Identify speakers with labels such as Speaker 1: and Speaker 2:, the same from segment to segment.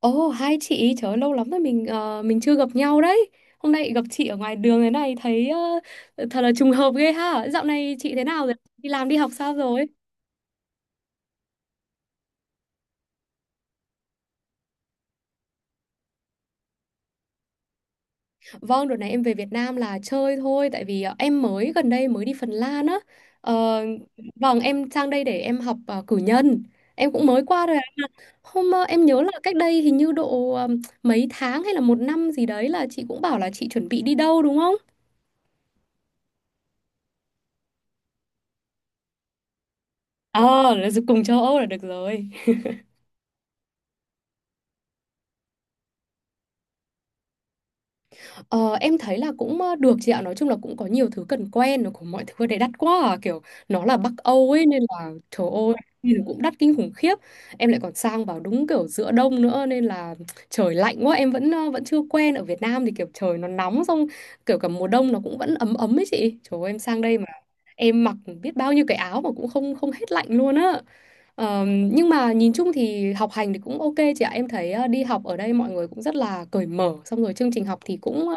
Speaker 1: Ồ, hai chị, trời ơi, lâu lắm rồi mình chưa gặp nhau đấy. Hôm nay gặp chị ở ngoài đường thế này thấy thật là trùng hợp ghê ha. Dạo này chị thế nào rồi? Đi làm đi học sao rồi? Vâng, đợt này em về Việt Nam là chơi thôi tại vì em mới gần đây mới đi Phần Lan á. Ờ, vâng, em sang đây để em học cử nhân. Em cũng mới qua rồi ạ. Hôm em nhớ là cách đây hình như độ mấy tháng hay là một năm gì đấy là chị cũng bảo là chị chuẩn bị đi đâu đúng không? Ờ, là cùng châu Âu là được rồi. Ờ, em thấy là cũng được chị ạ. Nói chung là cũng có nhiều thứ cần quen. Nó cũng mọi thứ ở đấy đắt quá à. Kiểu nó là Bắc Âu ấy nên là trời ơi nhìn cũng đắt kinh khủng khiếp. Em lại còn sang vào đúng kiểu giữa đông nữa nên là trời lạnh quá. Em vẫn chưa quen. Ở Việt Nam thì kiểu trời nó nóng. Xong kiểu cả mùa đông nó cũng vẫn ấm ấm ấy chị. Trời ơi em sang đây mà em mặc biết bao nhiêu cái áo mà cũng không không hết lạnh luôn á. Nhưng mà nhìn chung thì học hành thì cũng ok chị ạ. Em thấy đi học ở đây mọi người cũng rất là cởi mở, xong rồi chương trình học thì cũng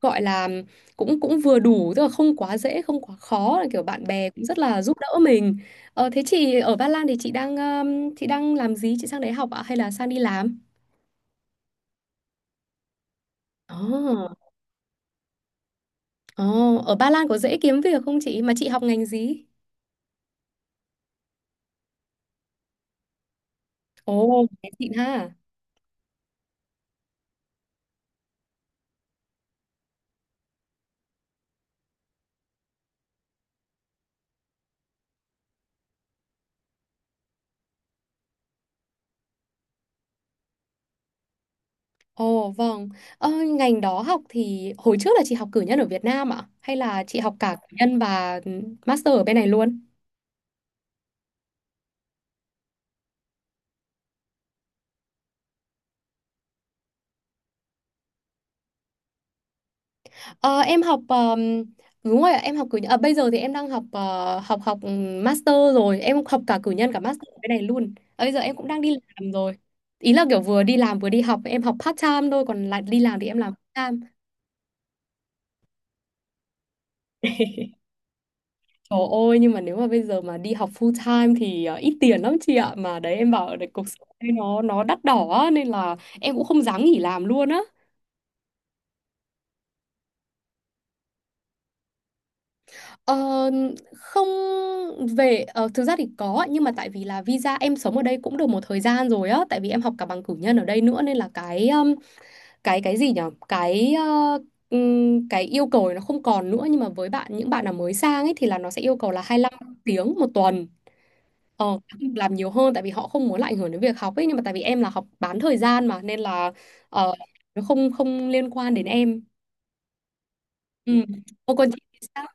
Speaker 1: gọi là cũng cũng vừa đủ, tức là không quá dễ, không quá khó, là kiểu bạn bè cũng rất là giúp đỡ mình. Thế chị ở Ba Lan thì chị đang làm gì? Chị sang đấy học ạ hay là sang đi làm? Ồ, oh, ở Ba Lan có dễ kiếm việc không chị? Mà chị học ngành gì? Ồ, oh, xịn ha. Ồ, vâng, ờ, ngành đó học thì hồi trước là chị học cử nhân ở Việt Nam ạ? Hay là chị học cả cử nhân và master ở bên này luôn? Ờ, em học đúng rồi ạ, em học cử nhân. À, bây giờ thì em đang học master rồi, em học cả cử nhân cả master ở bên này luôn. Ờ, Bây giờ em cũng đang đi làm rồi. Ý là kiểu vừa đi làm vừa đi học, em học part time thôi còn lại đi làm thì em làm full time. Trời ơi, nhưng mà nếu mà bây giờ mà đi học full time thì ít tiền lắm chị ạ. Mà đấy em bảo đấy, cuộc sống đây nó đắt đỏ á, nên là em cũng không dám nghỉ làm luôn á. Ờ, không về, thực ra thì có nhưng mà tại vì là visa em sống ở đây cũng được một thời gian rồi á, tại vì em học cả bằng cử nhân ở đây nữa nên là cái gì nhở? Cái yêu cầu này nó không còn nữa nhưng mà với bạn những bạn nào mới sang ấy thì là nó sẽ yêu cầu là 25 tiếng một tuần. Ờ, làm nhiều hơn tại vì họ không muốn lại ảnh hưởng đến việc học ấy nhưng mà tại vì em là học bán thời gian mà nên là ờ, nó không không liên quan đến em. Ừ. Ô còn chị thì sao?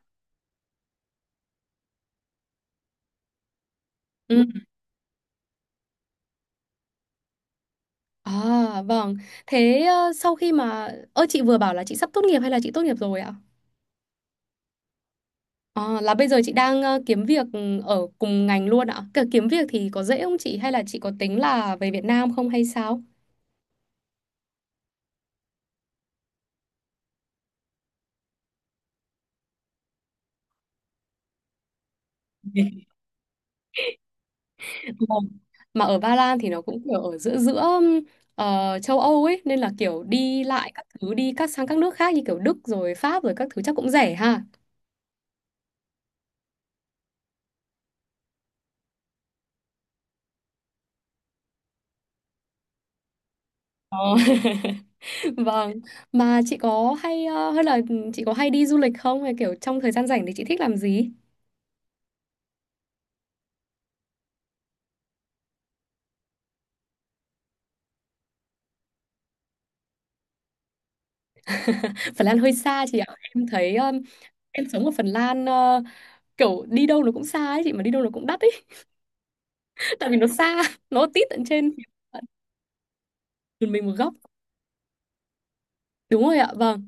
Speaker 1: Ừ. À, vâng. Thế sau khi mà chị vừa bảo là chị sắp tốt nghiệp hay là chị tốt nghiệp rồi ạ? Ờ, là bây giờ chị đang kiếm việc, ở cùng ngành luôn ạ. Cả kiếm việc thì có dễ không chị hay là chị có tính là về Việt Nam không hay sao? Ờ, mà ở Ba Lan thì nó cũng kiểu ở giữa giữa ờ, châu Âu ấy nên là kiểu đi lại các thứ đi các sang các nước khác như kiểu Đức rồi Pháp rồi các thứ chắc cũng rẻ ha. Ờ. Vâng, mà chị có hay đi du lịch không hay kiểu trong thời gian rảnh thì chị thích làm gì? Phần Lan hơi xa chị ạ. Em thấy em sống ở Phần Lan kiểu đi đâu nó cũng xa ấy chị mà đi đâu nó cũng đắt ấy tại vì nó xa, nó tít tận trên tận mình một góc. Đúng rồi ạ. Vâng.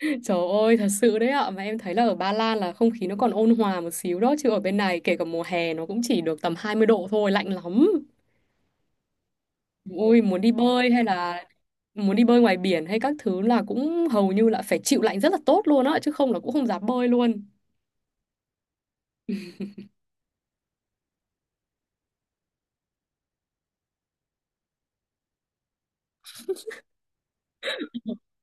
Speaker 1: Trời ơi, thật sự đấy ạ. Mà em thấy là ở Ba Lan là không khí nó còn ôn hòa một xíu đó. Chứ ở bên này kể cả mùa hè nó cũng chỉ được tầm 20 độ thôi, lạnh lắm. Ôi, muốn đi bơi hay là muốn đi bơi ngoài biển hay các thứ là cũng hầu như là phải chịu lạnh rất là tốt luôn á. Chứ không là cũng không dám bơi luôn.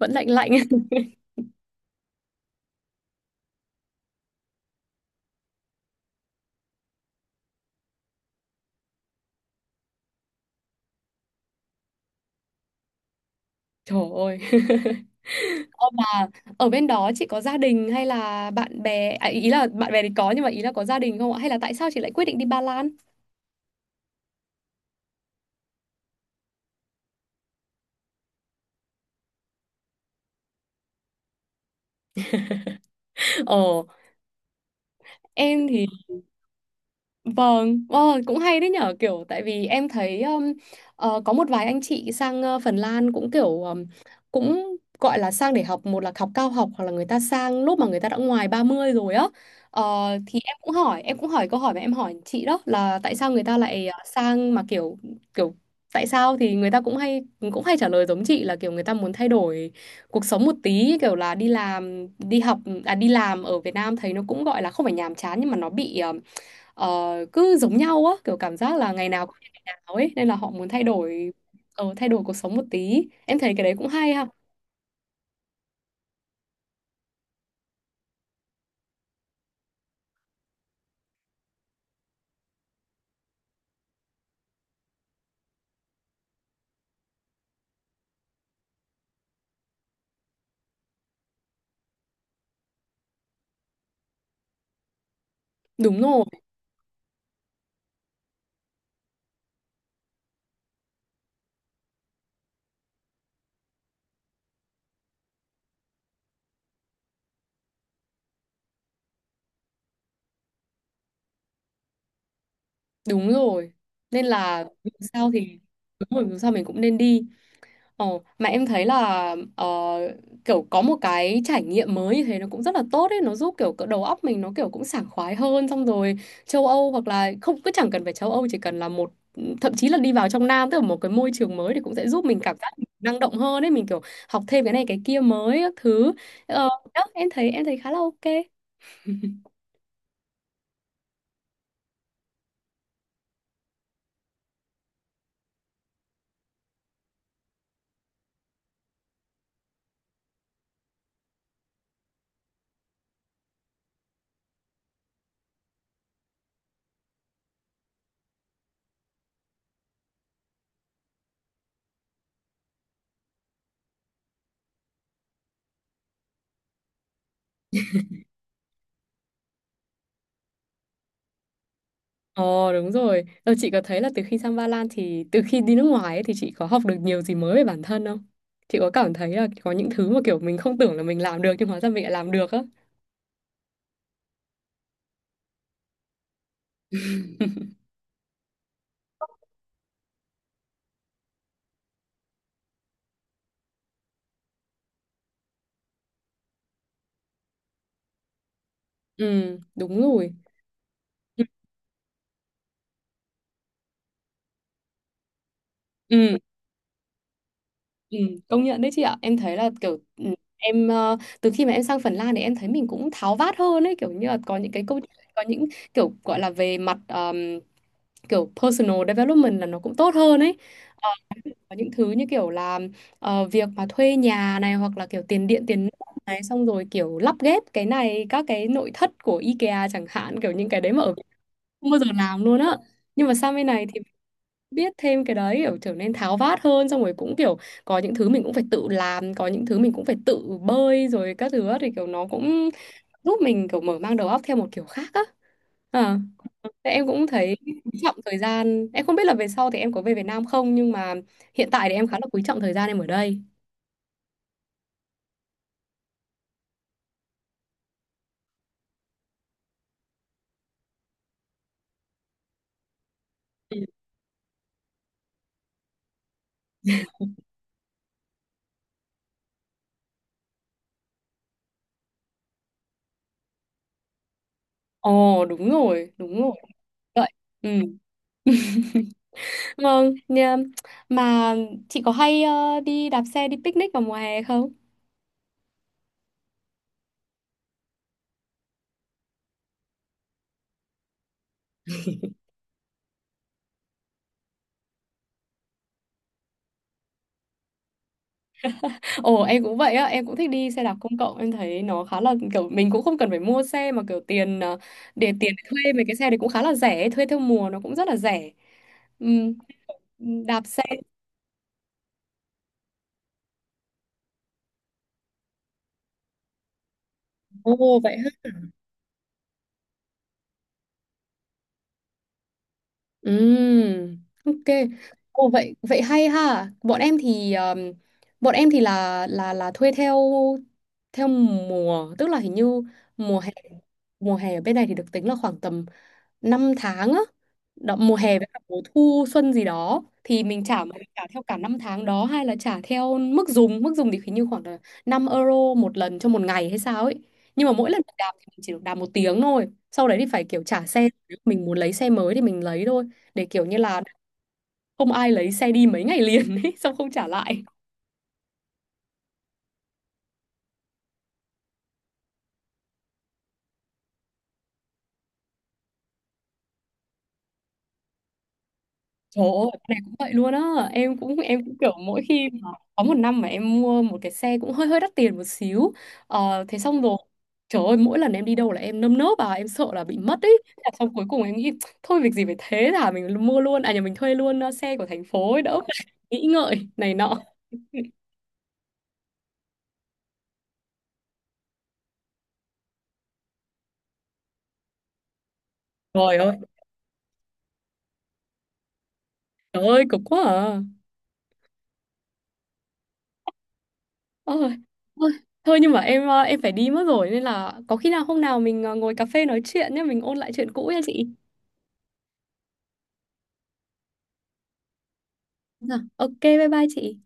Speaker 1: Vẫn lạnh lạnh. Trời ơi. Mà ở bên đó chị có gia đình hay là bạn bè? À, ý là bạn bè thì có nhưng mà ý là có gia đình không ạ? Hay là tại sao chị lại quyết định đi Ba Lan? Ờ, em thì Vâng, cũng hay đấy nhở kiểu tại vì em thấy có một vài anh chị sang Phần Lan cũng kiểu cũng gọi là sang để học một là học cao học hoặc là người ta sang lúc mà người ta đã ngoài 30 rồi á. Ờ, thì em cũng hỏi câu hỏi mà em hỏi chị đó là tại sao người ta lại sang mà kiểu kiểu tại sao thì người ta cũng hay trả lời giống chị là kiểu người ta muốn thay đổi cuộc sống một tí kiểu là đi làm đi học, à đi làm ở Việt Nam thấy nó cũng gọi là không phải nhàm chán nhưng mà nó bị ờ, cứ giống nhau á kiểu cảm giác là ngày nào cũng như ngày nào ấy nên là họ muốn thay đổi cuộc sống một tí, em thấy cái đấy cũng hay ha. Đúng rồi, đúng rồi, nên là dù sao thì đúng rồi dù sao mình cũng nên đi. Ờ, mà em thấy là ờ, kiểu có một cái trải nghiệm mới như thế nó cũng rất là tốt ấy, nó giúp kiểu cỡ đầu óc mình nó kiểu cũng sảng khoái hơn xong rồi châu Âu hoặc là không cứ chẳng cần phải châu Âu chỉ cần là một, thậm chí là đi vào trong Nam tức là một cái môi trường mới thì cũng sẽ giúp mình cảm giác mình năng động hơn ấy, mình kiểu học thêm cái này cái kia mới các thứ. Ờ, đó, em thấy khá là ok. Ờ, đúng rồi. Ờ, chị có thấy là từ khi sang Ba Lan thì từ khi đi nước ngoài ấy, thì chị có học được nhiều gì mới về bản thân không? Chị có cảm thấy là có những thứ mà kiểu mình không tưởng là mình làm được nhưng hóa ra mình lại làm được á. Ừ, đúng rồi. Ừ, ừ, ừ, công nhận đấy chị ạ. Em thấy là kiểu em, từ khi mà em sang Phần Lan thì em thấy mình cũng tháo vát hơn ấy, kiểu như là có những cái câu có những kiểu gọi là về mặt kiểu personal development là nó cũng tốt hơn ấy. Có những thứ như kiểu là việc mà thuê nhà này hoặc là kiểu tiền điện tiền nước này xong rồi kiểu lắp ghép cái này các cái nội thất của IKEA chẳng hạn kiểu những cái đấy mà ở Việt Nam không bao giờ làm luôn á nhưng mà sang bên này thì biết thêm cái đấy kiểu trở nên tháo vát hơn xong rồi cũng kiểu có những thứ mình cũng phải tự làm có những thứ mình cũng phải tự bơi rồi các thứ á, thì kiểu nó cũng giúp mình kiểu mở mang đầu óc theo một kiểu khác á. Ờ. Thế em cũng thấy quý trọng thời gian, em không biết là về sau thì em có về Việt Nam không nhưng mà hiện tại thì em khá là quý trọng thời gian em ở đây. Ừ. Ồ, đúng rồi, đúng rồi vậy. Ừ, vâng nha. Mà chị có hay đi đạp xe đi picnic vào mùa hè không? Ồ, em cũng vậy á, em cũng thích đi xe đạp công cộng, em thấy nó khá là kiểu mình cũng không cần phải mua xe mà kiểu tiền, để tiền để thuê mấy cái xe đấy cũng khá là rẻ, thuê theo mùa nó cũng rất là rẻ. Ừ, đạp xe. Ồ vậy. Ừm, ok. Ồ vậy vậy hay ha. Bọn em thì là thuê theo theo mùa, tức là hình như mùa hè mùa hè ở bên này thì được tính là khoảng tầm 5 tháng á. Đó, mùa hè với cả mùa thu xuân gì đó thì mình trả theo cả 5 tháng đó hay là trả theo mức dùng thì hình như khoảng là 5 euro một lần cho một ngày hay sao ấy. Nhưng mà mỗi lần mình đạp thì mình chỉ được đạp một tiếng thôi. Sau đấy thì phải kiểu trả xe. Nếu mình muốn lấy xe mới thì mình lấy thôi để kiểu như là không ai lấy xe đi mấy ngày liền ấy xong không trả lại. Trời ơi cái này cũng vậy luôn á, em cũng kiểu mỗi khi mà có một năm mà em mua một cái xe cũng hơi hơi đắt tiền một xíu, thế xong rồi trời ơi mỗi lần em đi đâu là em nơm nớp à em sợ là bị mất ấy. Thế là xong cuối cùng em nghĩ thôi việc gì phải thế thả mình mua luôn à nhà mình thuê luôn xe của thành phố ấy đỡ phải nghĩ ngợi này nọ. Trời ơi. Trời ơi cực quá à. Ôi, thôi, thôi nhưng mà em phải đi mất rồi nên là có khi nào hôm nào mình ngồi cà phê nói chuyện nhé, mình ôn lại chuyện cũ nha chị. Dạ. Ok, bye bye chị.